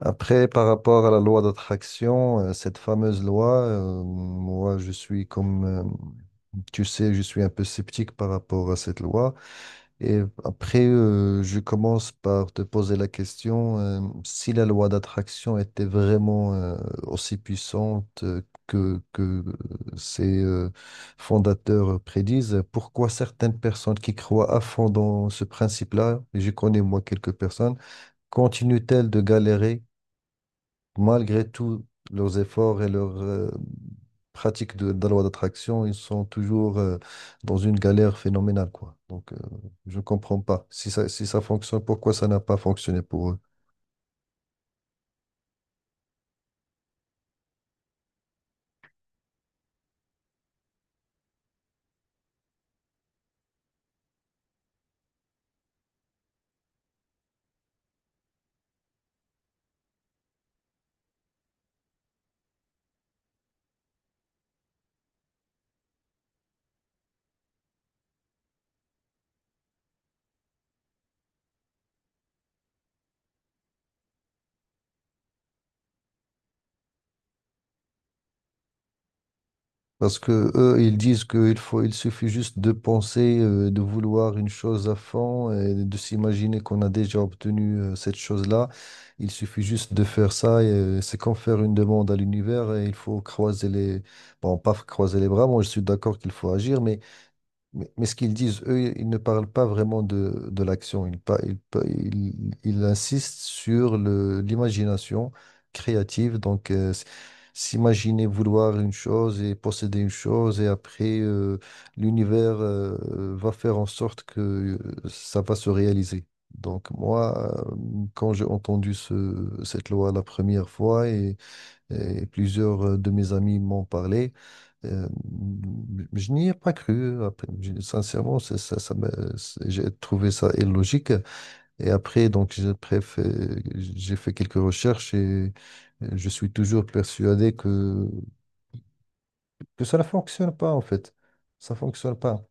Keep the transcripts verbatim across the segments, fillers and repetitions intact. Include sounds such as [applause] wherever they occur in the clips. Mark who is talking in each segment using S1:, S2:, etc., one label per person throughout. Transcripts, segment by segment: S1: Après, par rapport à la loi d'attraction, euh, cette fameuse loi, euh, moi, je suis comme, euh, tu sais, je suis un peu sceptique par rapport à cette loi. Et après, euh, je commence par te poser la question, euh, si la loi d'attraction était vraiment, euh, aussi puissante euh, que, que ses, euh, fondateurs prédisent, pourquoi certaines personnes qui croient à fond dans ce principe-là, et je connais moi quelques personnes, continuent-elles de galérer malgré tous leurs efforts et leurs euh, pratiques de, de la loi d'attraction? Ils sont toujours euh, dans une galère phénoménale, quoi. Donc, euh, je ne comprends pas. Si ça, si ça fonctionne, pourquoi ça n'a pas fonctionné pour eux? Parce que eux, ils disent qu'il faut, il suffit juste de penser, euh, de vouloir une chose à fond et de s'imaginer qu'on a déjà obtenu euh, cette chose-là. Il suffit juste de faire ça et euh, c'est comme faire une demande à l'univers et il faut croiser les, bon, pas croiser les bras. Moi, je suis d'accord qu'il faut agir, mais Mais, mais ce qu'ils disent, eux, ils ne parlent pas vraiment de, de l'action. Ils, pa- ils, pa- ils- ils insistent sur le, l'imagination créative. Donc, euh, s- s'imaginer vouloir une chose et posséder une chose, et après, euh, l'univers, euh, va faire en sorte que euh, ça va se réaliser. Donc, moi, euh, quand j'ai entendu ce, cette loi la première fois, et et plusieurs euh, de mes amis m'ont parlé. Euh, je n'y ai pas cru. Après, je- sincèrement, c'est- ça, ça m'a- c'est- j'ai trouvé ça illogique. Et après, donc, j'ai bref, euh, j'ai fait quelques recherches et euh, je suis toujours persuadé que, que ça ne fonctionne pas, en fait. Ça ne fonctionne pas.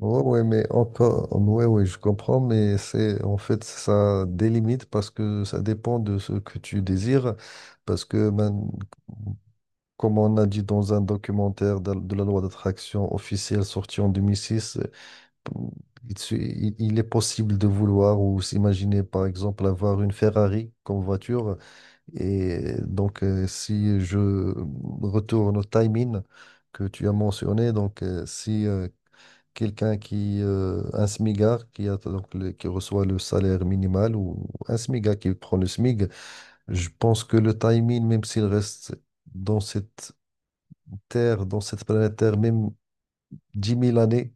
S1: Ouais, ouais, mais encore, ouais, ouais, je comprends, mais c'est, en fait, ça délimite parce que ça dépend de ce que tu désires. Parce que man- Comme on a dit dans un documentaire de, de la loi d'attraction officielle sortie en deux mille six, euh, il, se- il- il est possible de vouloir ou s'imaginer, par exemple, avoir une Ferrari comme voiture. Et donc, euh, si je retourne au timing que tu as mentionné, donc euh, si euh, quelqu'un qui, euh, un smigard qui a donc le- qui reçoit le salaire minimal ou un smigard qui prend le smig, je pense que le timing, même s'il reste dans cette Terre, dans cette planète Terre, même dix mille années,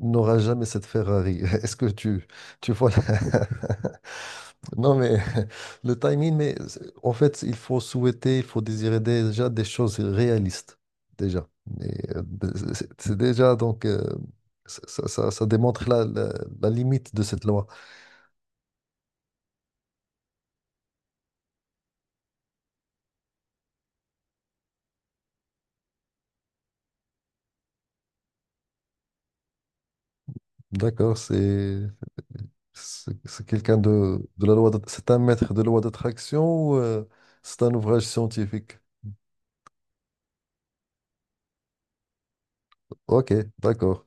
S1: il n'aura jamais cette Ferrari. [laughs] Est-ce que tu, tu vois la- [laughs] Non, mais [laughs] le timing, mais c'est- en fait, il faut souhaiter, il faut désirer déjà des choses réalistes, déjà. Et, euh, de- c'est c'est déjà, donc, euh, ça, ça- ça- ça démontre la, la- la limite de cette loi. D'accord, c'est c'est c'est quelqu'un de, de la loi, de- c'est un maître de loi d'attraction ou euh, c'est un ouvrage scientifique? Ok, d'accord.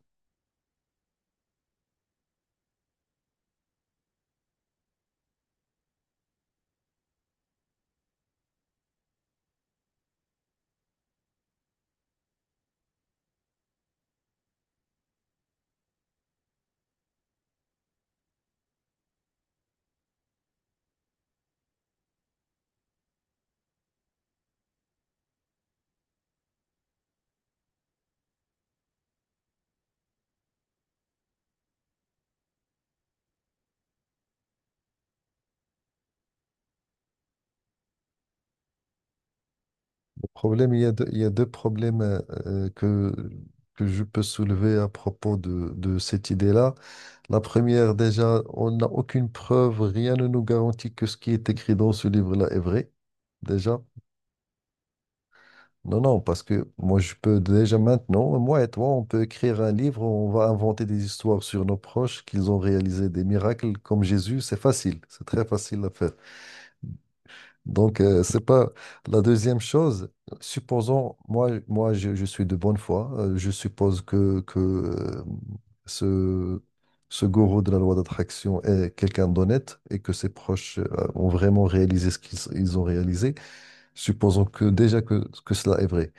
S1: Le problème, il y a deux, il y a deux problèmes euh, euh, que, que je peux soulever à propos de, de cette idée-là. La première, déjà, on n'a aucune preuve, rien ne nous garantit que ce qui est écrit dans ce livre-là est vrai. Déjà. Non, non, parce que moi, je peux déjà maintenant, moi et toi, on peut écrire un livre, on va inventer des histoires sur nos proches, qu'ils ont réalisé des miracles comme Jésus. C'est facile, c'est très facile à faire. Donc, euh, c'est pas la deuxième chose. Supposons, moi, moi je, je suis de bonne foi. euh, je suppose que, que euh, ce, ce gourou de la loi d'attraction est quelqu'un d'honnête et que ses proches euh, ont vraiment réalisé ce qu'ils ils ont réalisé. Supposons que déjà que, que cela est vrai.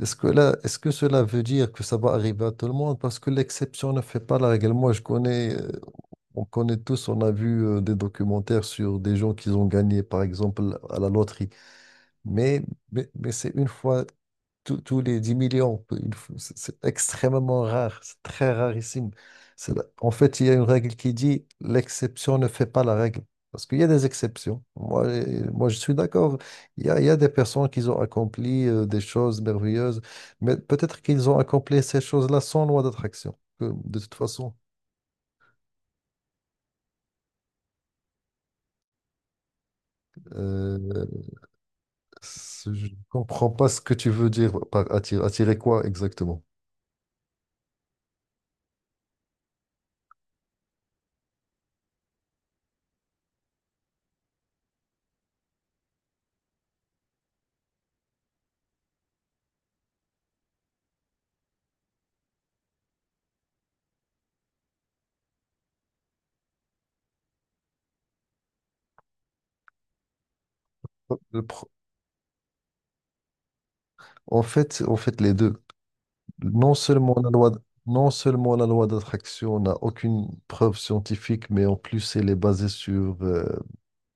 S1: Est-ce que là, est-ce que cela veut dire que ça va arriver à tout le monde? Parce que l'exception ne fait pas la règle. Moi, je connais, euh, on connaît tous, on a vu euh, des documentaires sur des gens qui ont gagné, par exemple, à la loterie. Mais, mais, mais c'est une fois tous tous les dix millions. peu- il faut- C'est c'est extrêmement rare, c'est très rarissime. C'est la- En fait, il y a une règle qui dit l'exception ne fait pas la règle. Parce qu'il y a des exceptions. Moi, euh, moi je suis d'accord. Il y a, il y a des personnes qui ont accompli euh, des choses merveilleuses, mais peut-être qu'ils ont accompli ces choses-là sans loi d'attraction. Que, de toute façon, euh, c'est- je ne comprends pas ce que tu veux dire par attirer, attirer quoi exactement. Le pro- En fait, en fait, les deux. Non seulement la loi, non seulement la loi d'attraction n'a aucune preuve scientifique, mais en plus elle est basée sur euh,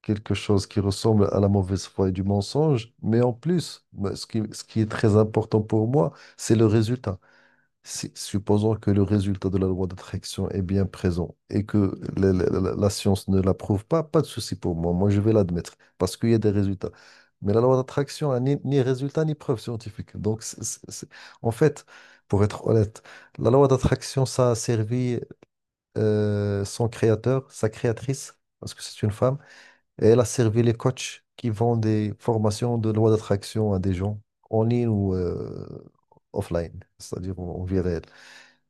S1: quelque chose qui ressemble à la mauvaise foi et du mensonge. Mais en plus, moi, ce qui, ce qui est très important pour moi, c'est le résultat. Si- supposons que le résultat de la loi d'attraction est bien présent et que la, la- la- la science ne l'approuve pas, pas de souci pour moi. Moi, je vais l'admettre parce qu'il y a des résultats. Mais la loi d'attraction n'a ni, ni résultat ni preuve scientifique. Donc, c'est- c'est- c'est- en fait, pour être honnête, la loi d'attraction, ça a servi euh, son créateur, sa créatrice, parce que c'est une femme, et elle a servi les coachs qui vendent des formations de loi d'attraction à des gens en ligne ou euh, offline, c'est-à-dire en en vie réelle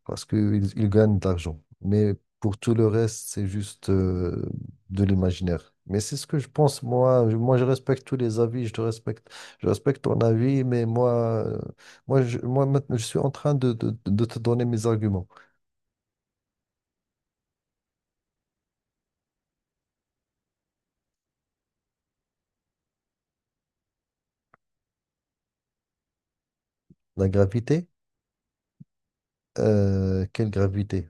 S1: parce qu'ils ils gagnent de l'argent. Mais pour tout le reste, c'est juste euh, de l'imaginaire. Mais c'est ce que je pense, moi. Je- Moi, je respecte tous les avis, je te respecte, je respecte ton avis, mais moi, euh, moi, je, moi maintenant, je suis en train de, de- de te donner mes arguments. La gravité, euh, quelle gravité?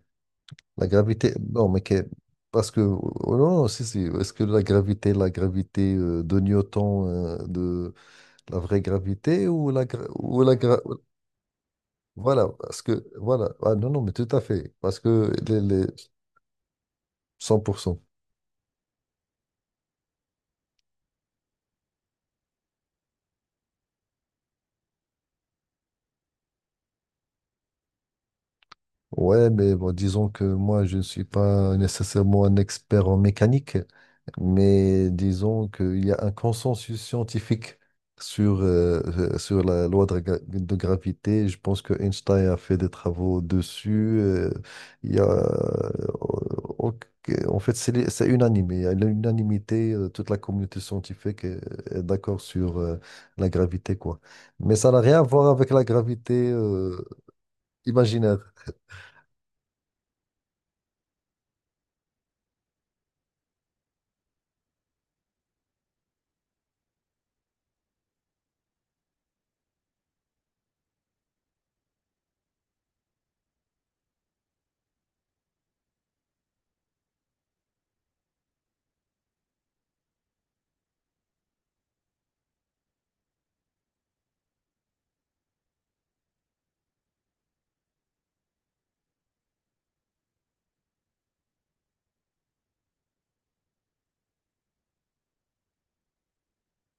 S1: La gravité, non, mais que- parce que, oh non, non, si, si, est-ce que la gravité, la gravité euh, de Newton, euh, de la vraie gravité ou la, gra- ou la, gra- Voilà, parce que, voilà, ah, non, non, mais tout à fait, parce que les, les cent pour cent. Ouais, mais bon, disons que moi, je ne suis pas nécessairement un expert en mécanique, mais disons qu'il y a un consensus scientifique sur, euh, [laughs] euh, sur la loi de, gra- de gravité. Je pense que Einstein a fait des travaux dessus. Euh, il y a, euh, ok, en fait, c'est les- c'est unanime. Il y a l'unanimité, euh, toute la communauté scientifique est, est d'accord sur euh, la gravité, quoi. Mais ça n'a rien à voir avec la gravité euh, imaginaire.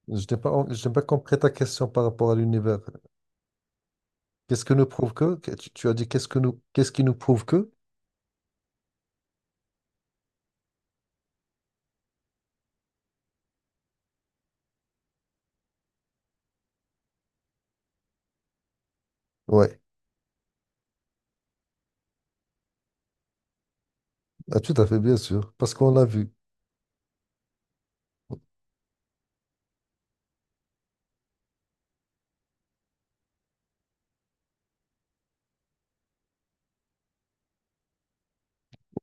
S1: Je n'ai pas, je n'ai pas compris ta question par rapport à l'univers. Qu'est-ce que nous prouve que? Que- Tu, tu as dit qu'est-ce que nous, qu'est-ce qui nous prouve que? Ouais, ah, tout à fait, bien sûr, parce qu'on l'a vu.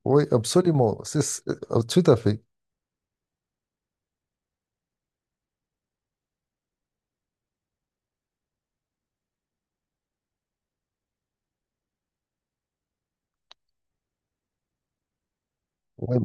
S1: Oui, absolument, c'est, c'est- ah, tout à fait. Ouais.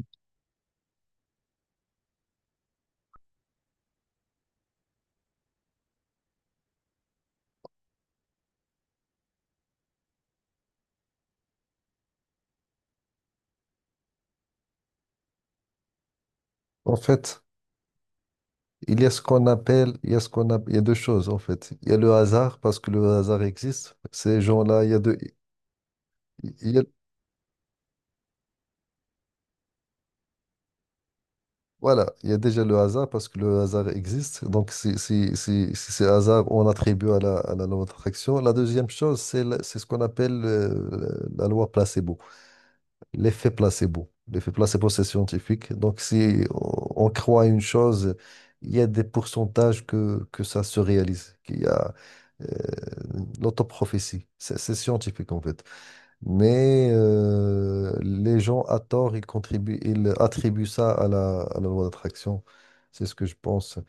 S1: En fait, il y a ce qu'on appelle, il y a ce qu'on a, il y a deux choses en fait. Il y a le hasard parce que le hasard existe. Ces gens-là, il y a deux, il y a- Voilà, il y a déjà le hasard parce que le hasard existe. Donc, si, si, si, si c'est hasard, on attribue à la, à la loi d'attraction. La deuxième chose, c'est la- c'est ce qu'on appelle euh, la loi placebo, l'effet placebo. L'effet placebo, c'est scientifique. Donc, si on, on croit à une chose, il y a des pourcentages que, que ça se réalise, qu'il y a euh, l'autoprophétie. C'est c'est scientifique, en fait. Mais euh, les gens, à tort, ils contribuent, ils attribuent ça à la, à la loi d'attraction. C'est ce que je pense.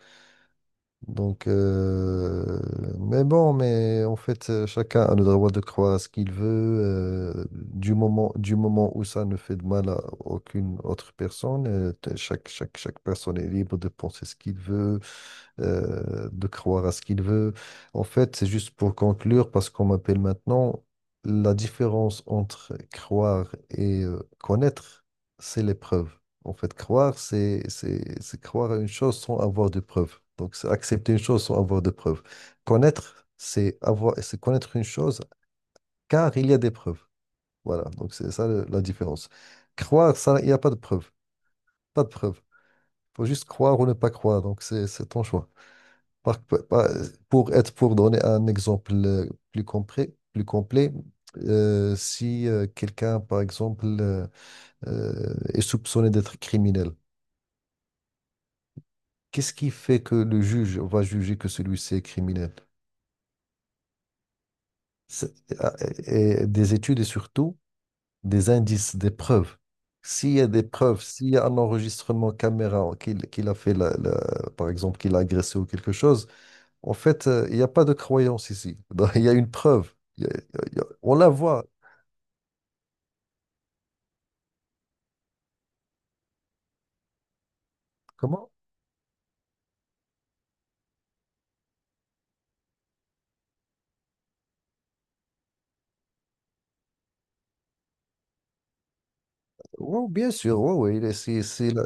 S1: Donc, euh, mais bon, mais en fait, euh, chacun a le droit de croire à ce qu'il veut, euh, du moment, du moment où ça ne fait de mal à aucune autre personne. euh, t- chaque, chaque, chaque personne est libre de penser ce qu'il veut, euh, de croire à ce qu'il veut. En fait, c'est juste pour conclure, parce qu'on m'appelle maintenant, la différence entre croire et euh, connaître, c'est l'épreuve. En fait, croire, c'est, c'est, c'est croire à une chose sans avoir de preuves. Donc, c'est accepter une chose sans avoir de preuves. Connaître, c'est avoir, c'est connaître une chose car il y a des preuves. Voilà, donc c'est ça le- la différence. Croire, ça, il n'y a pas de preuves. Pas de preuves. Il faut juste croire ou ne pas croire. Donc, c'est c'est ton choix. Par- par- par- Pour être, pour donner un exemple euh, plus complet, plus complet, euh, si euh, quelqu'un, par exemple, euh, euh, est soupçonné d'être criminel, qu'est-ce qui fait que le juge va juger que celui-ci est criminel? C'est- ah, et- et des études et surtout des indices, des preuves. S'il y a des preuves, s'il y a un enregistrement caméra qu'il qu'il a fait, la- la- par exemple, qu'il a agressé ou quelque chose. En fait, euh, il n'y a pas de croyance ici. [laughs] Donc, il y a une preuve. Il y a- il y a- on la voit. Comment? Oui, bien sûr. Oui, oui. il est- c'est- c'est la-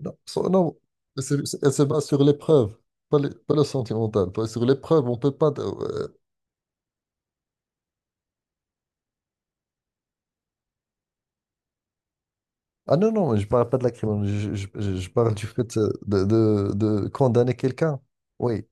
S1: Non, son- non, c'est- c'est- elle se base sur les preuves, pas le, pas le sentimental. Pas sur les preuves, on peut pas. euh, Ah non, non, je parle pas de la crime. Je, je- je- je parle du fait euh, de, de- de condamner quelqu'un. Oui.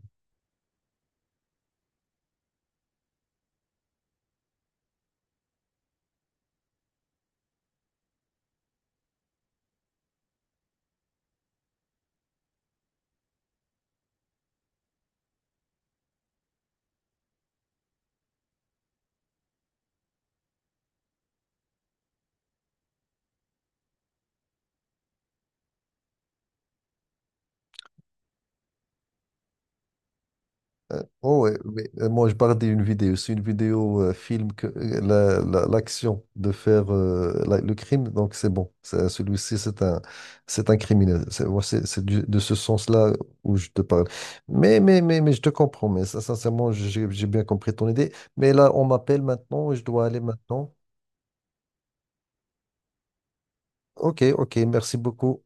S1: Euh, oh ouais, mais, euh, moi je parlais une vidéo, c'est une vidéo euh, film que euh, la- la- l'action de faire euh, la- le crime, donc c'est bon. C'est- Celui-ci c'est un c'est un criminel. C'est moi, c'est- c'est du- de ce sens-là où je te parle. Mais mais mais mais je te comprends. Mais ça, sincèrement, j'ai j'ai bien compris ton idée. Mais là on m'appelle maintenant, je dois aller maintenant. Ok ok, merci beaucoup.